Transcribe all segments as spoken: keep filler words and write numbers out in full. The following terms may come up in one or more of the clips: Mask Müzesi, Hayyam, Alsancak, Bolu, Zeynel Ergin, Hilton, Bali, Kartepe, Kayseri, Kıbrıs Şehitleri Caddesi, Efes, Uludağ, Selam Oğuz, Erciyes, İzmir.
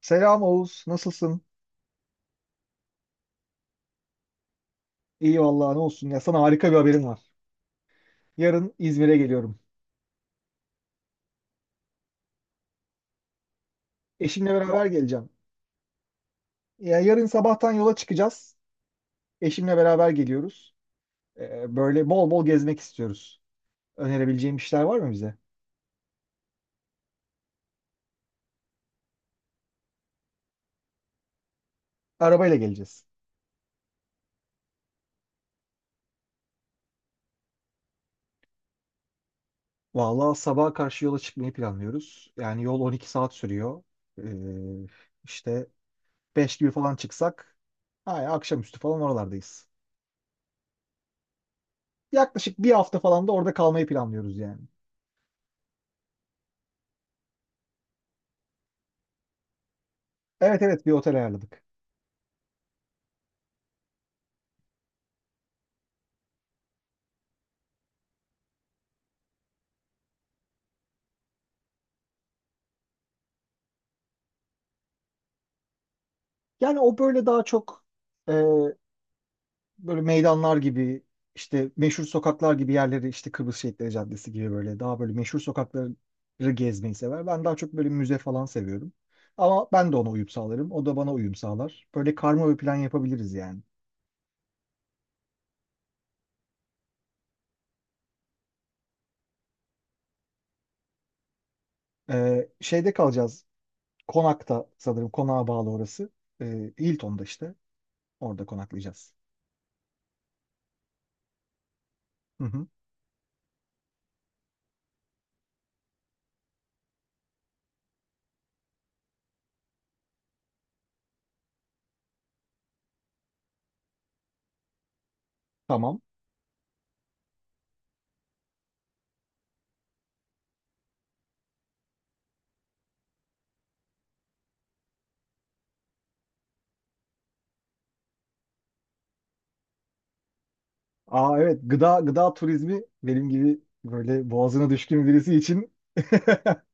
Selam Oğuz, nasılsın? İyi vallahi ne olsun ya, sana harika bir haberim var. Yarın İzmir'e geliyorum. Eşimle beraber geleceğim. Ya yarın sabahtan yola çıkacağız. Eşimle beraber geliyoruz. Ee, böyle bol bol gezmek istiyoruz. Önerebileceğim işler var mı bize? Arabayla geleceğiz. Vallahi sabaha karşı yola çıkmayı planlıyoruz. Yani yol on iki saat sürüyor. Ee, işte beş gibi falan çıksak, ay, akşamüstü falan oralardayız. Yaklaşık bir hafta falan da orada kalmayı planlıyoruz yani. Evet, evet, bir otel ayarladık. Yani o böyle daha çok e, böyle meydanlar gibi, işte meşhur sokaklar gibi yerleri, işte Kıbrıs Şehitleri Caddesi gibi, böyle daha böyle meşhur sokakları gezmeyi sever. Ben daha çok böyle müze falan seviyorum. Ama ben de ona uyum sağlarım, o da bana uyum sağlar. Böyle karma bir plan yapabiliriz yani. E, şeyde kalacağız. Konakta sanırım, konağa bağlı orası. E, Hilton'da işte. Orada konaklayacağız. Hı hı. Tamam. Aa evet, gıda gıda turizmi benim gibi böyle boğazına düşkün birisi için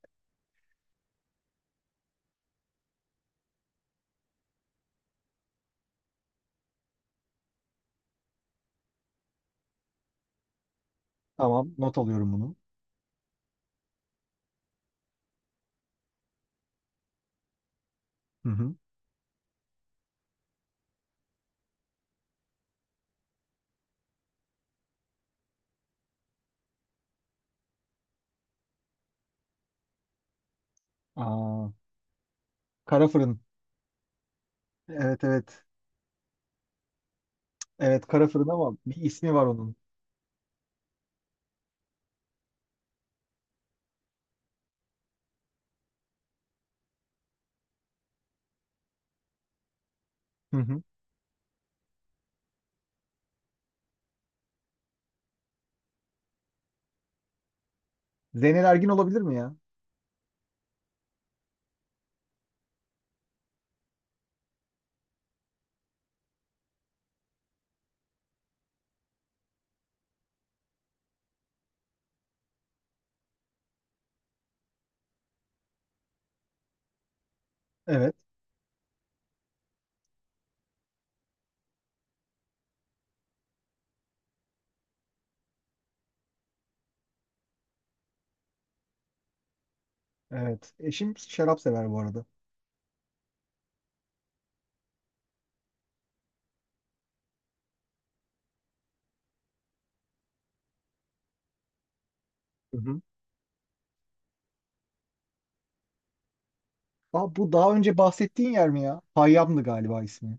Tamam, not alıyorum bunu. Hı hı. Aa, kara fırın. Evet, evet. Evet, kara fırın ama bir ismi var onun. Hı hı. Zeynel Ergin olabilir mi ya? Evet. Evet. Eşim şarap sever bu arada. Hı hı. Aa, bu daha önce bahsettiğin yer mi ya? Hayyam'dı galiba ismi.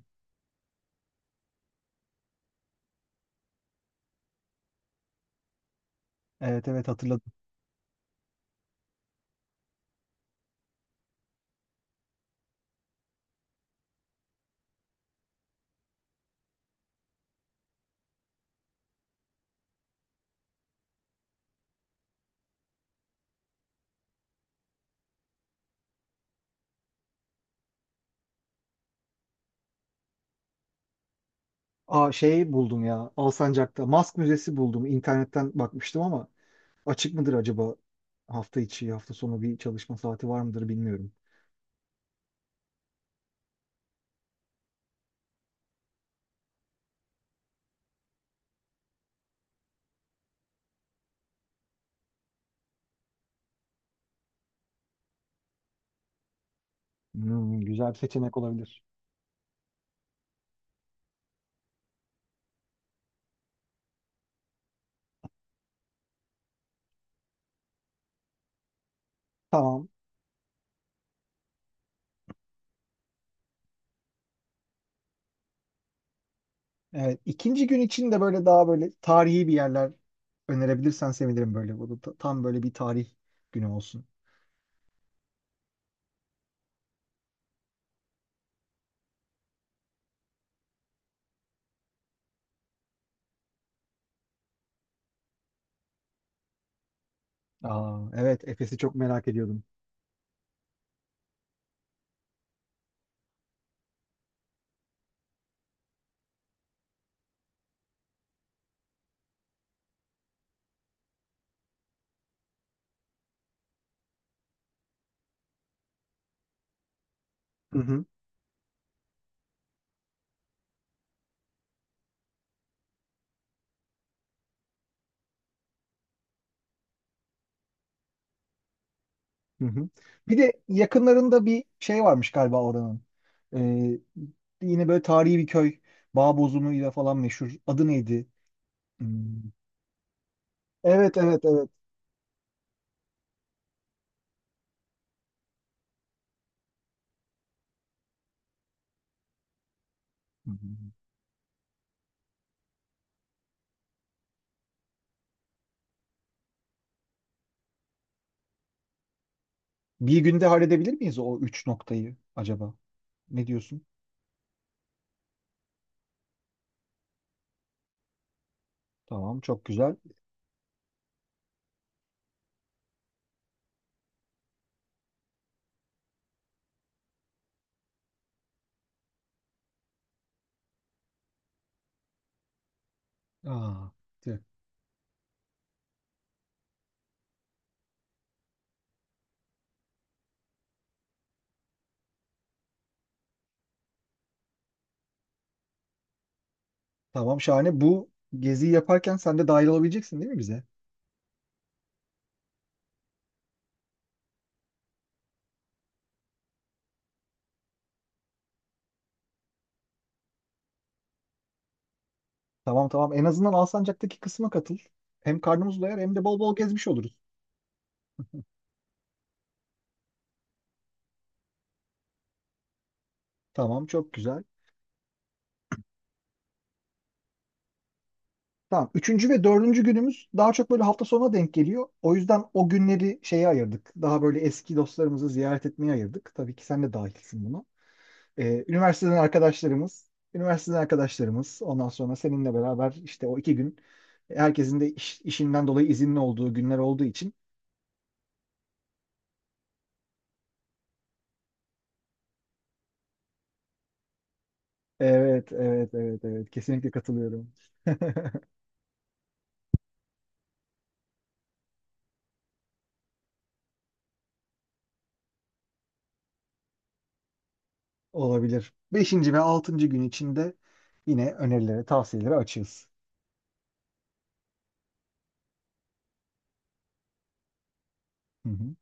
Evet, evet, hatırladım. Aa şey buldum ya. Alsancak'ta Mask Müzesi buldum. İnternetten bakmıştım ama açık mıdır acaba? Hafta içi, hafta sonu bir çalışma saati var mıdır bilmiyorum. Hmm, güzel bir seçenek olabilir. Tamam. Evet, ikinci gün için de böyle daha böyle tarihi bir yerler önerebilirsen sevinirim böyle. Bu da ta- tam böyle bir tarih günü olsun. Aa, evet, Efes'i çok merak ediyordum. Hı hı, hı hı. Bir de yakınlarında bir şey varmış galiba oranın. Ee, Yine böyle tarihi bir köy. Bağbozumuyla falan meşhur. Adı neydi? Hmm, evet, evet, evet. Hı hı. Bir günde halledebilir miyiz o üç noktayı acaba? Ne diyorsun? Tamam, çok güzel. Aa, tamam şahane. Bu geziyi yaparken sen de dahil olabileceksin değil mi bize? Tamam, tamam. En azından Alsancak'taki kısma katıl. Hem karnımız doyar hem de bol bol gezmiş oluruz. Tamam, çok güzel. Tamam. Üçüncü ve dördüncü günümüz daha çok böyle hafta sonuna denk geliyor. O yüzden o günleri şeye ayırdık. Daha böyle eski dostlarımızı ziyaret etmeye ayırdık. Tabii ki sen de dahilsin buna. Ee, üniversiteden arkadaşlarımız, üniversiteden arkadaşlarımız. Ondan sonra seninle beraber işte o iki gün herkesin de iş- işinden dolayı izinli olduğu günler olduğu için. Evet, evet, evet, evet. Kesinlikle katılıyorum. Olabilir. Beşinci ve altıncı gün içinde yine önerileri, tavsiyeleri açığız. Hı hı.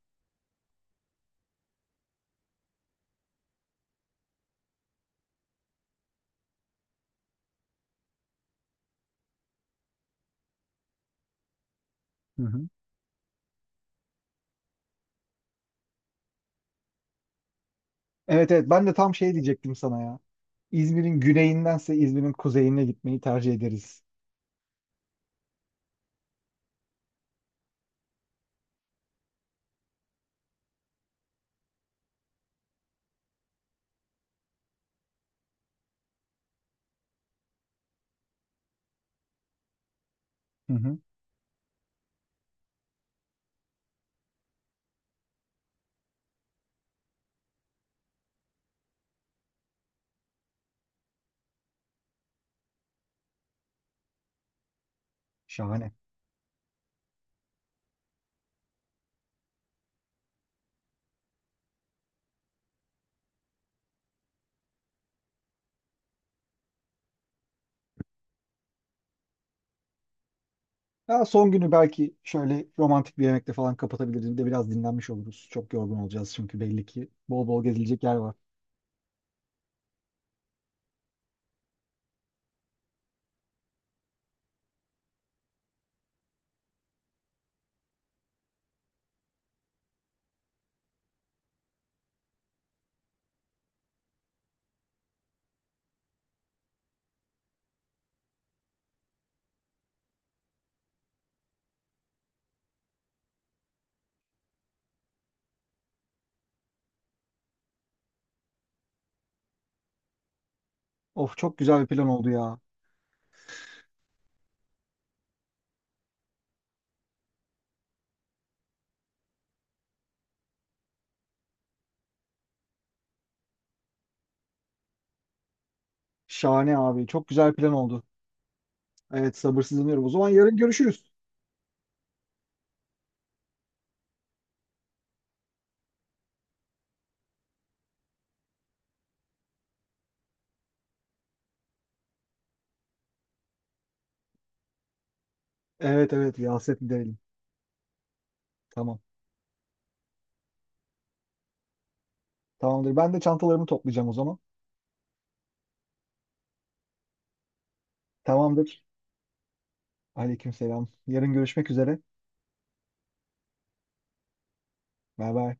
Hı hı. Evet, evet. Ben de tam şey diyecektim sana ya. İzmir'in güneyindense İzmir'in kuzeyine gitmeyi tercih ederiz. Hı hı. Şahane. Ya son günü belki şöyle romantik bir yemekle falan kapatabiliriz. Bir de biraz dinlenmiş oluruz. Çok yorgun olacağız çünkü, belli ki. Bol bol gezilecek yer var. Of, çok güzel bir plan oldu ya. Şahane abi. Çok güzel bir plan oldu. Evet, sabırsızlanıyorum. O zaman yarın görüşürüz. Evet, evet, bir hasret giderelim. Tamam. Tamamdır. Ben de çantalarımı toplayacağım o zaman. Tamamdır. Aleykümselam. Yarın görüşmek üzere. Bay bay.